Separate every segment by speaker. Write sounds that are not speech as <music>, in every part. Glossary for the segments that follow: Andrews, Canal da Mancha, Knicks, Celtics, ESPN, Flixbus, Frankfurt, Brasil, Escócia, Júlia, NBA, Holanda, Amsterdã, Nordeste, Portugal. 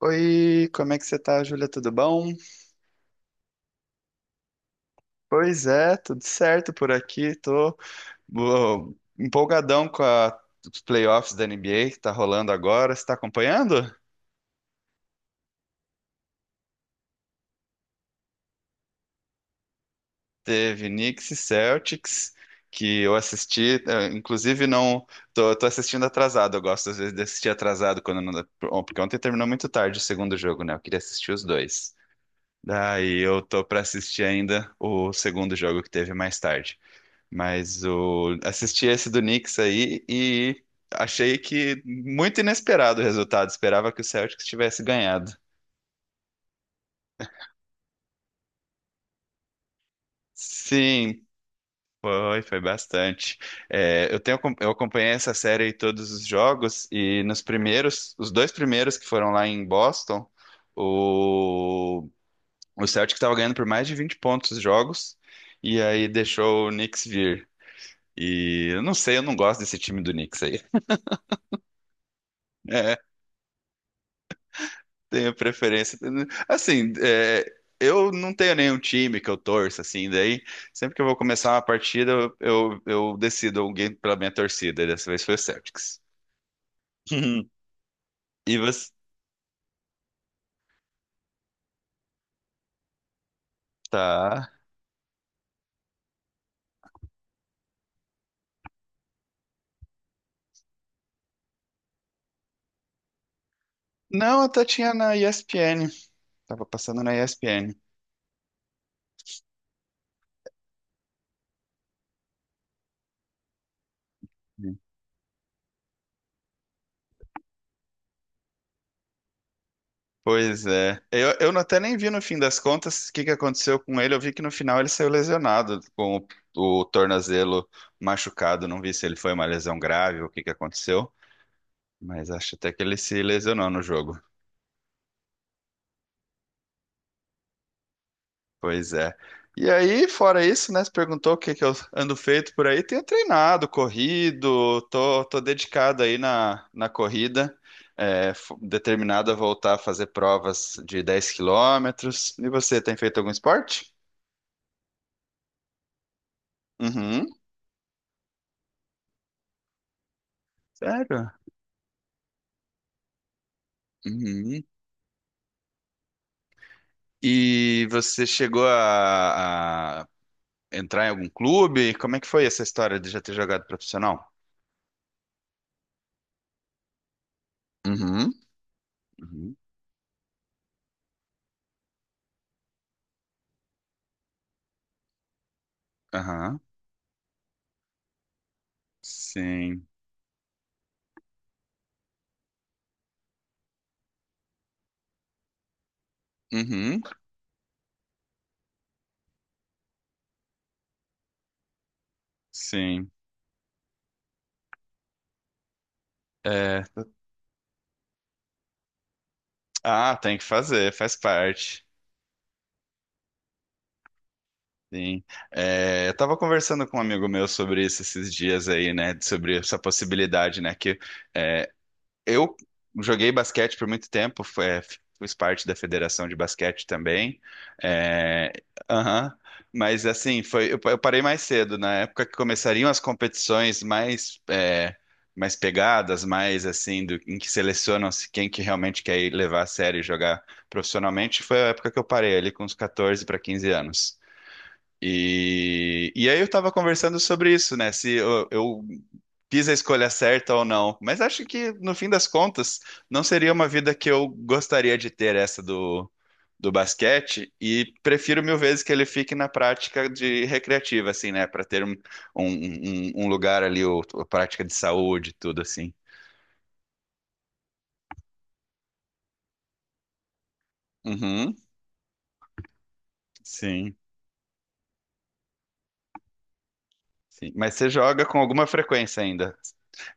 Speaker 1: Oi, como é que você tá, Júlia? Tudo bom? Pois é, tudo certo por aqui. Tô ó, empolgadão com os playoffs da NBA que tá rolando agora. Você tá acompanhando? Teve Knicks e Celtics, que eu assisti, inclusive não, tô assistindo atrasado. Eu gosto às vezes de assistir atrasado quando não dá, porque ontem terminou muito tarde o segundo jogo, né? Eu queria assistir os dois. Daí eu tô pra assistir ainda o segundo jogo que teve mais tarde. Mas assisti esse do Knicks aí e achei que muito inesperado o resultado. Esperava que o Celtics tivesse ganhado. Sim, foi bastante. É, eu acompanhei essa série e todos os jogos e nos primeiros, os dois primeiros que foram lá em Boston, o, o Celtics estava ganhando por mais de 20 pontos os jogos e aí deixou o Knicks vir. E eu não sei, eu não gosto desse time do Knicks aí. É. Tenho preferência. Assim, é, eu não tenho nenhum time que eu torço, assim, daí sempre que eu vou começar uma partida, eu decido alguém pela minha torcida, e dessa vez foi o Celtics. <laughs> E você? Tá. Não, até tinha na ESPN. Tava passando na ESPN. Pois é. Eu não- Até nem vi no fim das contas o que que aconteceu com ele. Eu vi que no final ele saiu lesionado, com o tornozelo machucado. Não vi se ele foi uma lesão grave ou o que que aconteceu. Mas acho até que ele se lesionou no jogo. Pois é. E aí, fora isso, né? Você perguntou o que que eu ando feito por aí. Tenho treinado, corrido, tô dedicado aí na, na corrida, determinado a voltar a fazer provas de 10 km. E você, tem feito algum esporte? Uhum. Sério? Uhum. E você chegou a entrar em algum clube? Como é que foi essa história de já ter jogado profissional? Uhum. Uhum. Aham. Sim. Uhum. Sim. É. Ah, tem que fazer, faz parte. Sim. É, eu tava conversando com um amigo meu sobre isso esses dias aí, né? Sobre essa possibilidade, né? É, Eu joguei basquete por muito tempo, fiz parte da federação de basquete também. É, aham. Mas assim, foi, eu parei mais cedo, na época que começariam as competições mais, é, mais pegadas, mais assim, em que selecionam-se quem que realmente quer ir levar a sério e jogar profissionalmente, foi a época que eu parei ali com uns 14 para 15 anos. E aí eu tava conversando sobre isso, né? Se eu, eu fiz a escolha certa ou não. Mas acho que, no fim das contas, não seria uma vida que eu gostaria de ter essa do, do basquete. E prefiro mil vezes que ele fique na prática de recreativa, assim, né? Para ter um lugar ali, ou prática de saúde, tudo assim. Uhum, sim, sim. Mas você joga com alguma frequência ainda?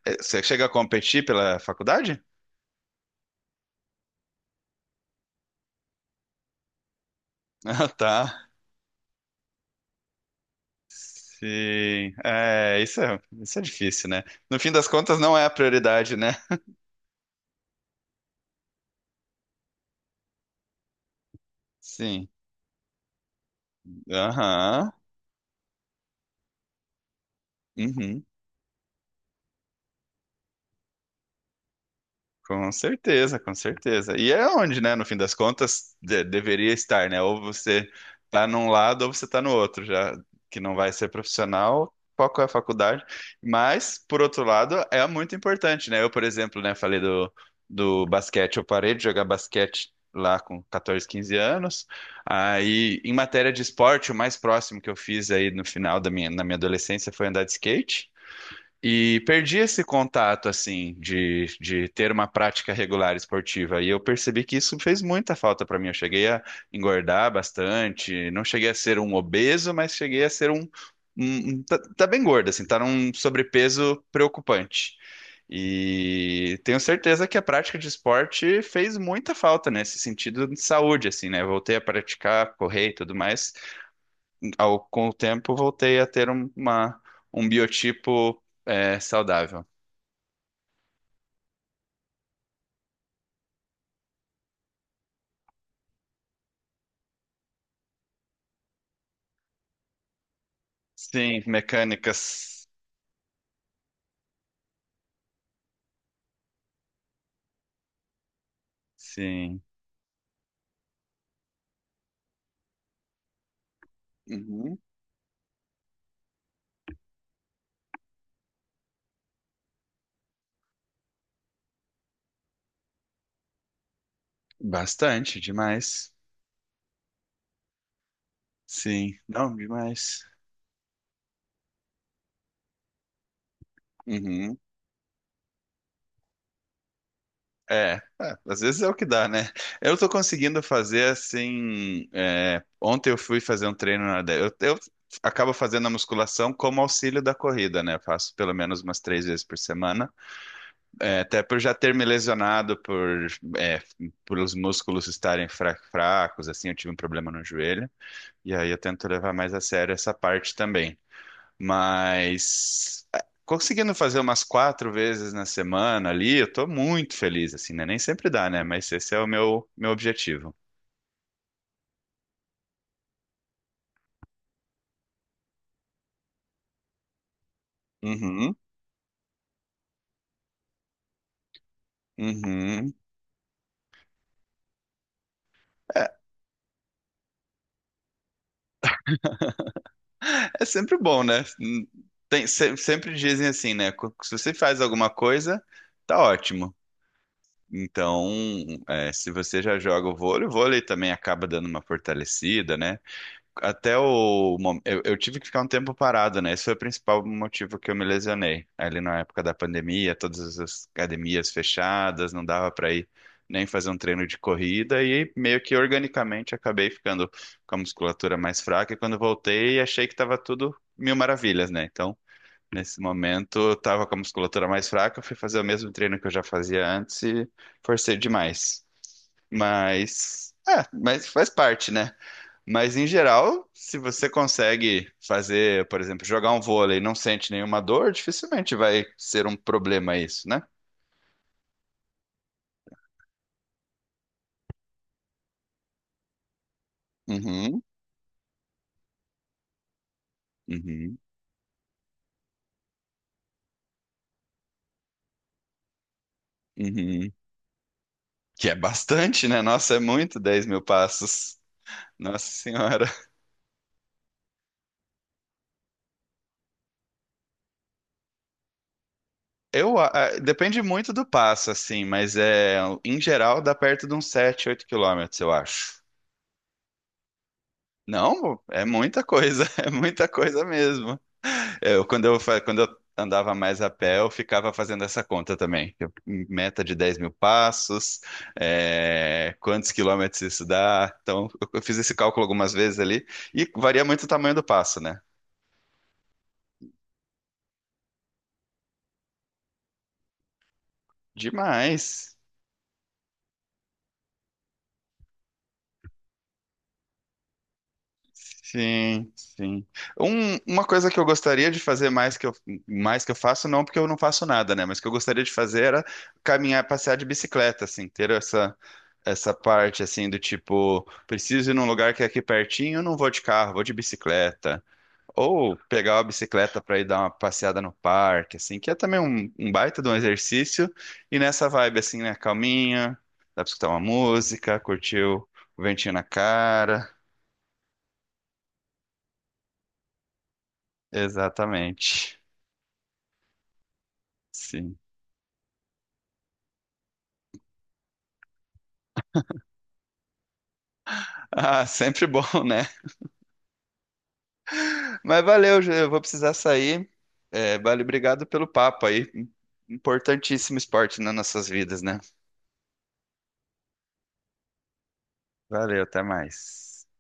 Speaker 1: Você chega a competir pela faculdade? <laughs> Ah, tá. Sim. Isso é difícil, né? No fim das contas, não é a prioridade, né? Sim. Aham. Uhum. Com certeza, com certeza. E é onde, né, no fim das contas, deveria estar, né? Ou você tá num lado ou você tá no outro, já que não vai ser profissional, foco é a faculdade. Mas, por outro lado, é muito importante, né? Eu, por exemplo, né, falei do, do basquete, eu parei de jogar basquete lá com 14, 15 anos. Aí, em matéria de esporte, o mais próximo que eu fiz aí no final da minha, na minha adolescência foi andar de skate. E perdi esse contato, assim, de ter uma prática regular esportiva. E eu percebi que isso fez muita falta para mim. Eu cheguei a engordar bastante, não cheguei a ser um obeso, mas cheguei a ser um. Tá bem gordo, assim, tá num sobrepeso preocupante. E tenho certeza que a prática de esporte fez muita falta nesse sentido de saúde, assim, né? Voltei a praticar, correr e tudo mais ao, com o tempo, voltei a ter um biotipo saudável. Sim, mecânicas. Sim. Uhum. Bastante, demais. Sim, não, demais. Uhum. É, é, às vezes é o que dá, né? Eu tô conseguindo fazer assim. Ontem eu fui fazer um treino eu acabo fazendo a musculação como auxílio da corrida, né? Eu faço pelo menos umas três vezes por semana. É, até por já ter me lesionado é, por os músculos estarem fracos, assim, eu tive um problema no joelho. E aí eu tento levar mais a sério essa parte também. Mas é, conseguindo fazer umas quatro vezes na semana ali, eu tô muito feliz, assim, né? Nem sempre dá, né? Mas esse é o meu objetivo. Uhum, uhum. É sempre bom, né? Sempre dizem assim, né? Se você faz alguma coisa, tá ótimo. Então, é, se você já joga o vôlei também acaba dando uma fortalecida, né? Até o mom- eu tive que ficar um tempo parado, né? Esse foi o principal motivo que eu me lesionei. Ali na época da pandemia, todas as academias fechadas, não dava para ir nem fazer um treino de corrida e meio que organicamente acabei ficando com a musculatura mais fraca. E quando voltei, achei que estava tudo mil maravilhas, né? Então nesse momento, eu tava com a musculatura mais fraca, fui fazer o mesmo treino que eu já fazia antes e forcei demais. Mas, é, mas faz parte, né? Mas em geral, se você consegue fazer, por exemplo, jogar um vôlei e não sente nenhuma dor, dificilmente vai ser um problema isso, né? Uhum, uhum, uhum. Que é bastante, né? Nossa, é muito 10 mil passos. Nossa Senhora. Eu, a- Depende muito do passo, assim, mas é, em geral dá perto de uns 7, 8 quilômetros, eu acho. Não, é muita coisa, <laughs> é muita coisa mesmo. É, Eu, quando eu, fa- quando eu andava mais a pé, eu ficava fazendo essa conta também. Meta de 10 mil passos, é, quantos quilômetros isso dá. Então, eu fiz esse cálculo algumas vezes ali, e varia muito o tamanho do passo, né? Demais. Sim, sim. Uma coisa que eu gostaria de fazer mais que eu faço, não porque eu não faço nada, né? Mas que eu gostaria de fazer era caminhar, passear de bicicleta, assim, ter essa parte, assim, do tipo, preciso ir num lugar que é aqui pertinho, não vou de carro, vou de bicicleta. Ou pegar uma bicicleta para ir dar uma passeada no parque, assim, que é também um baita de um exercício. E nessa vibe, assim, né? Calminha, dá pra escutar uma música, curtir o ventinho na cara. Exatamente. Sim. Ah, <laughs> sempre bom, né? Mas valeu, Ju, eu vou precisar sair. É, vale, obrigado pelo papo aí. Importantíssimo esporte nas nossas vidas, né? Valeu, até mais.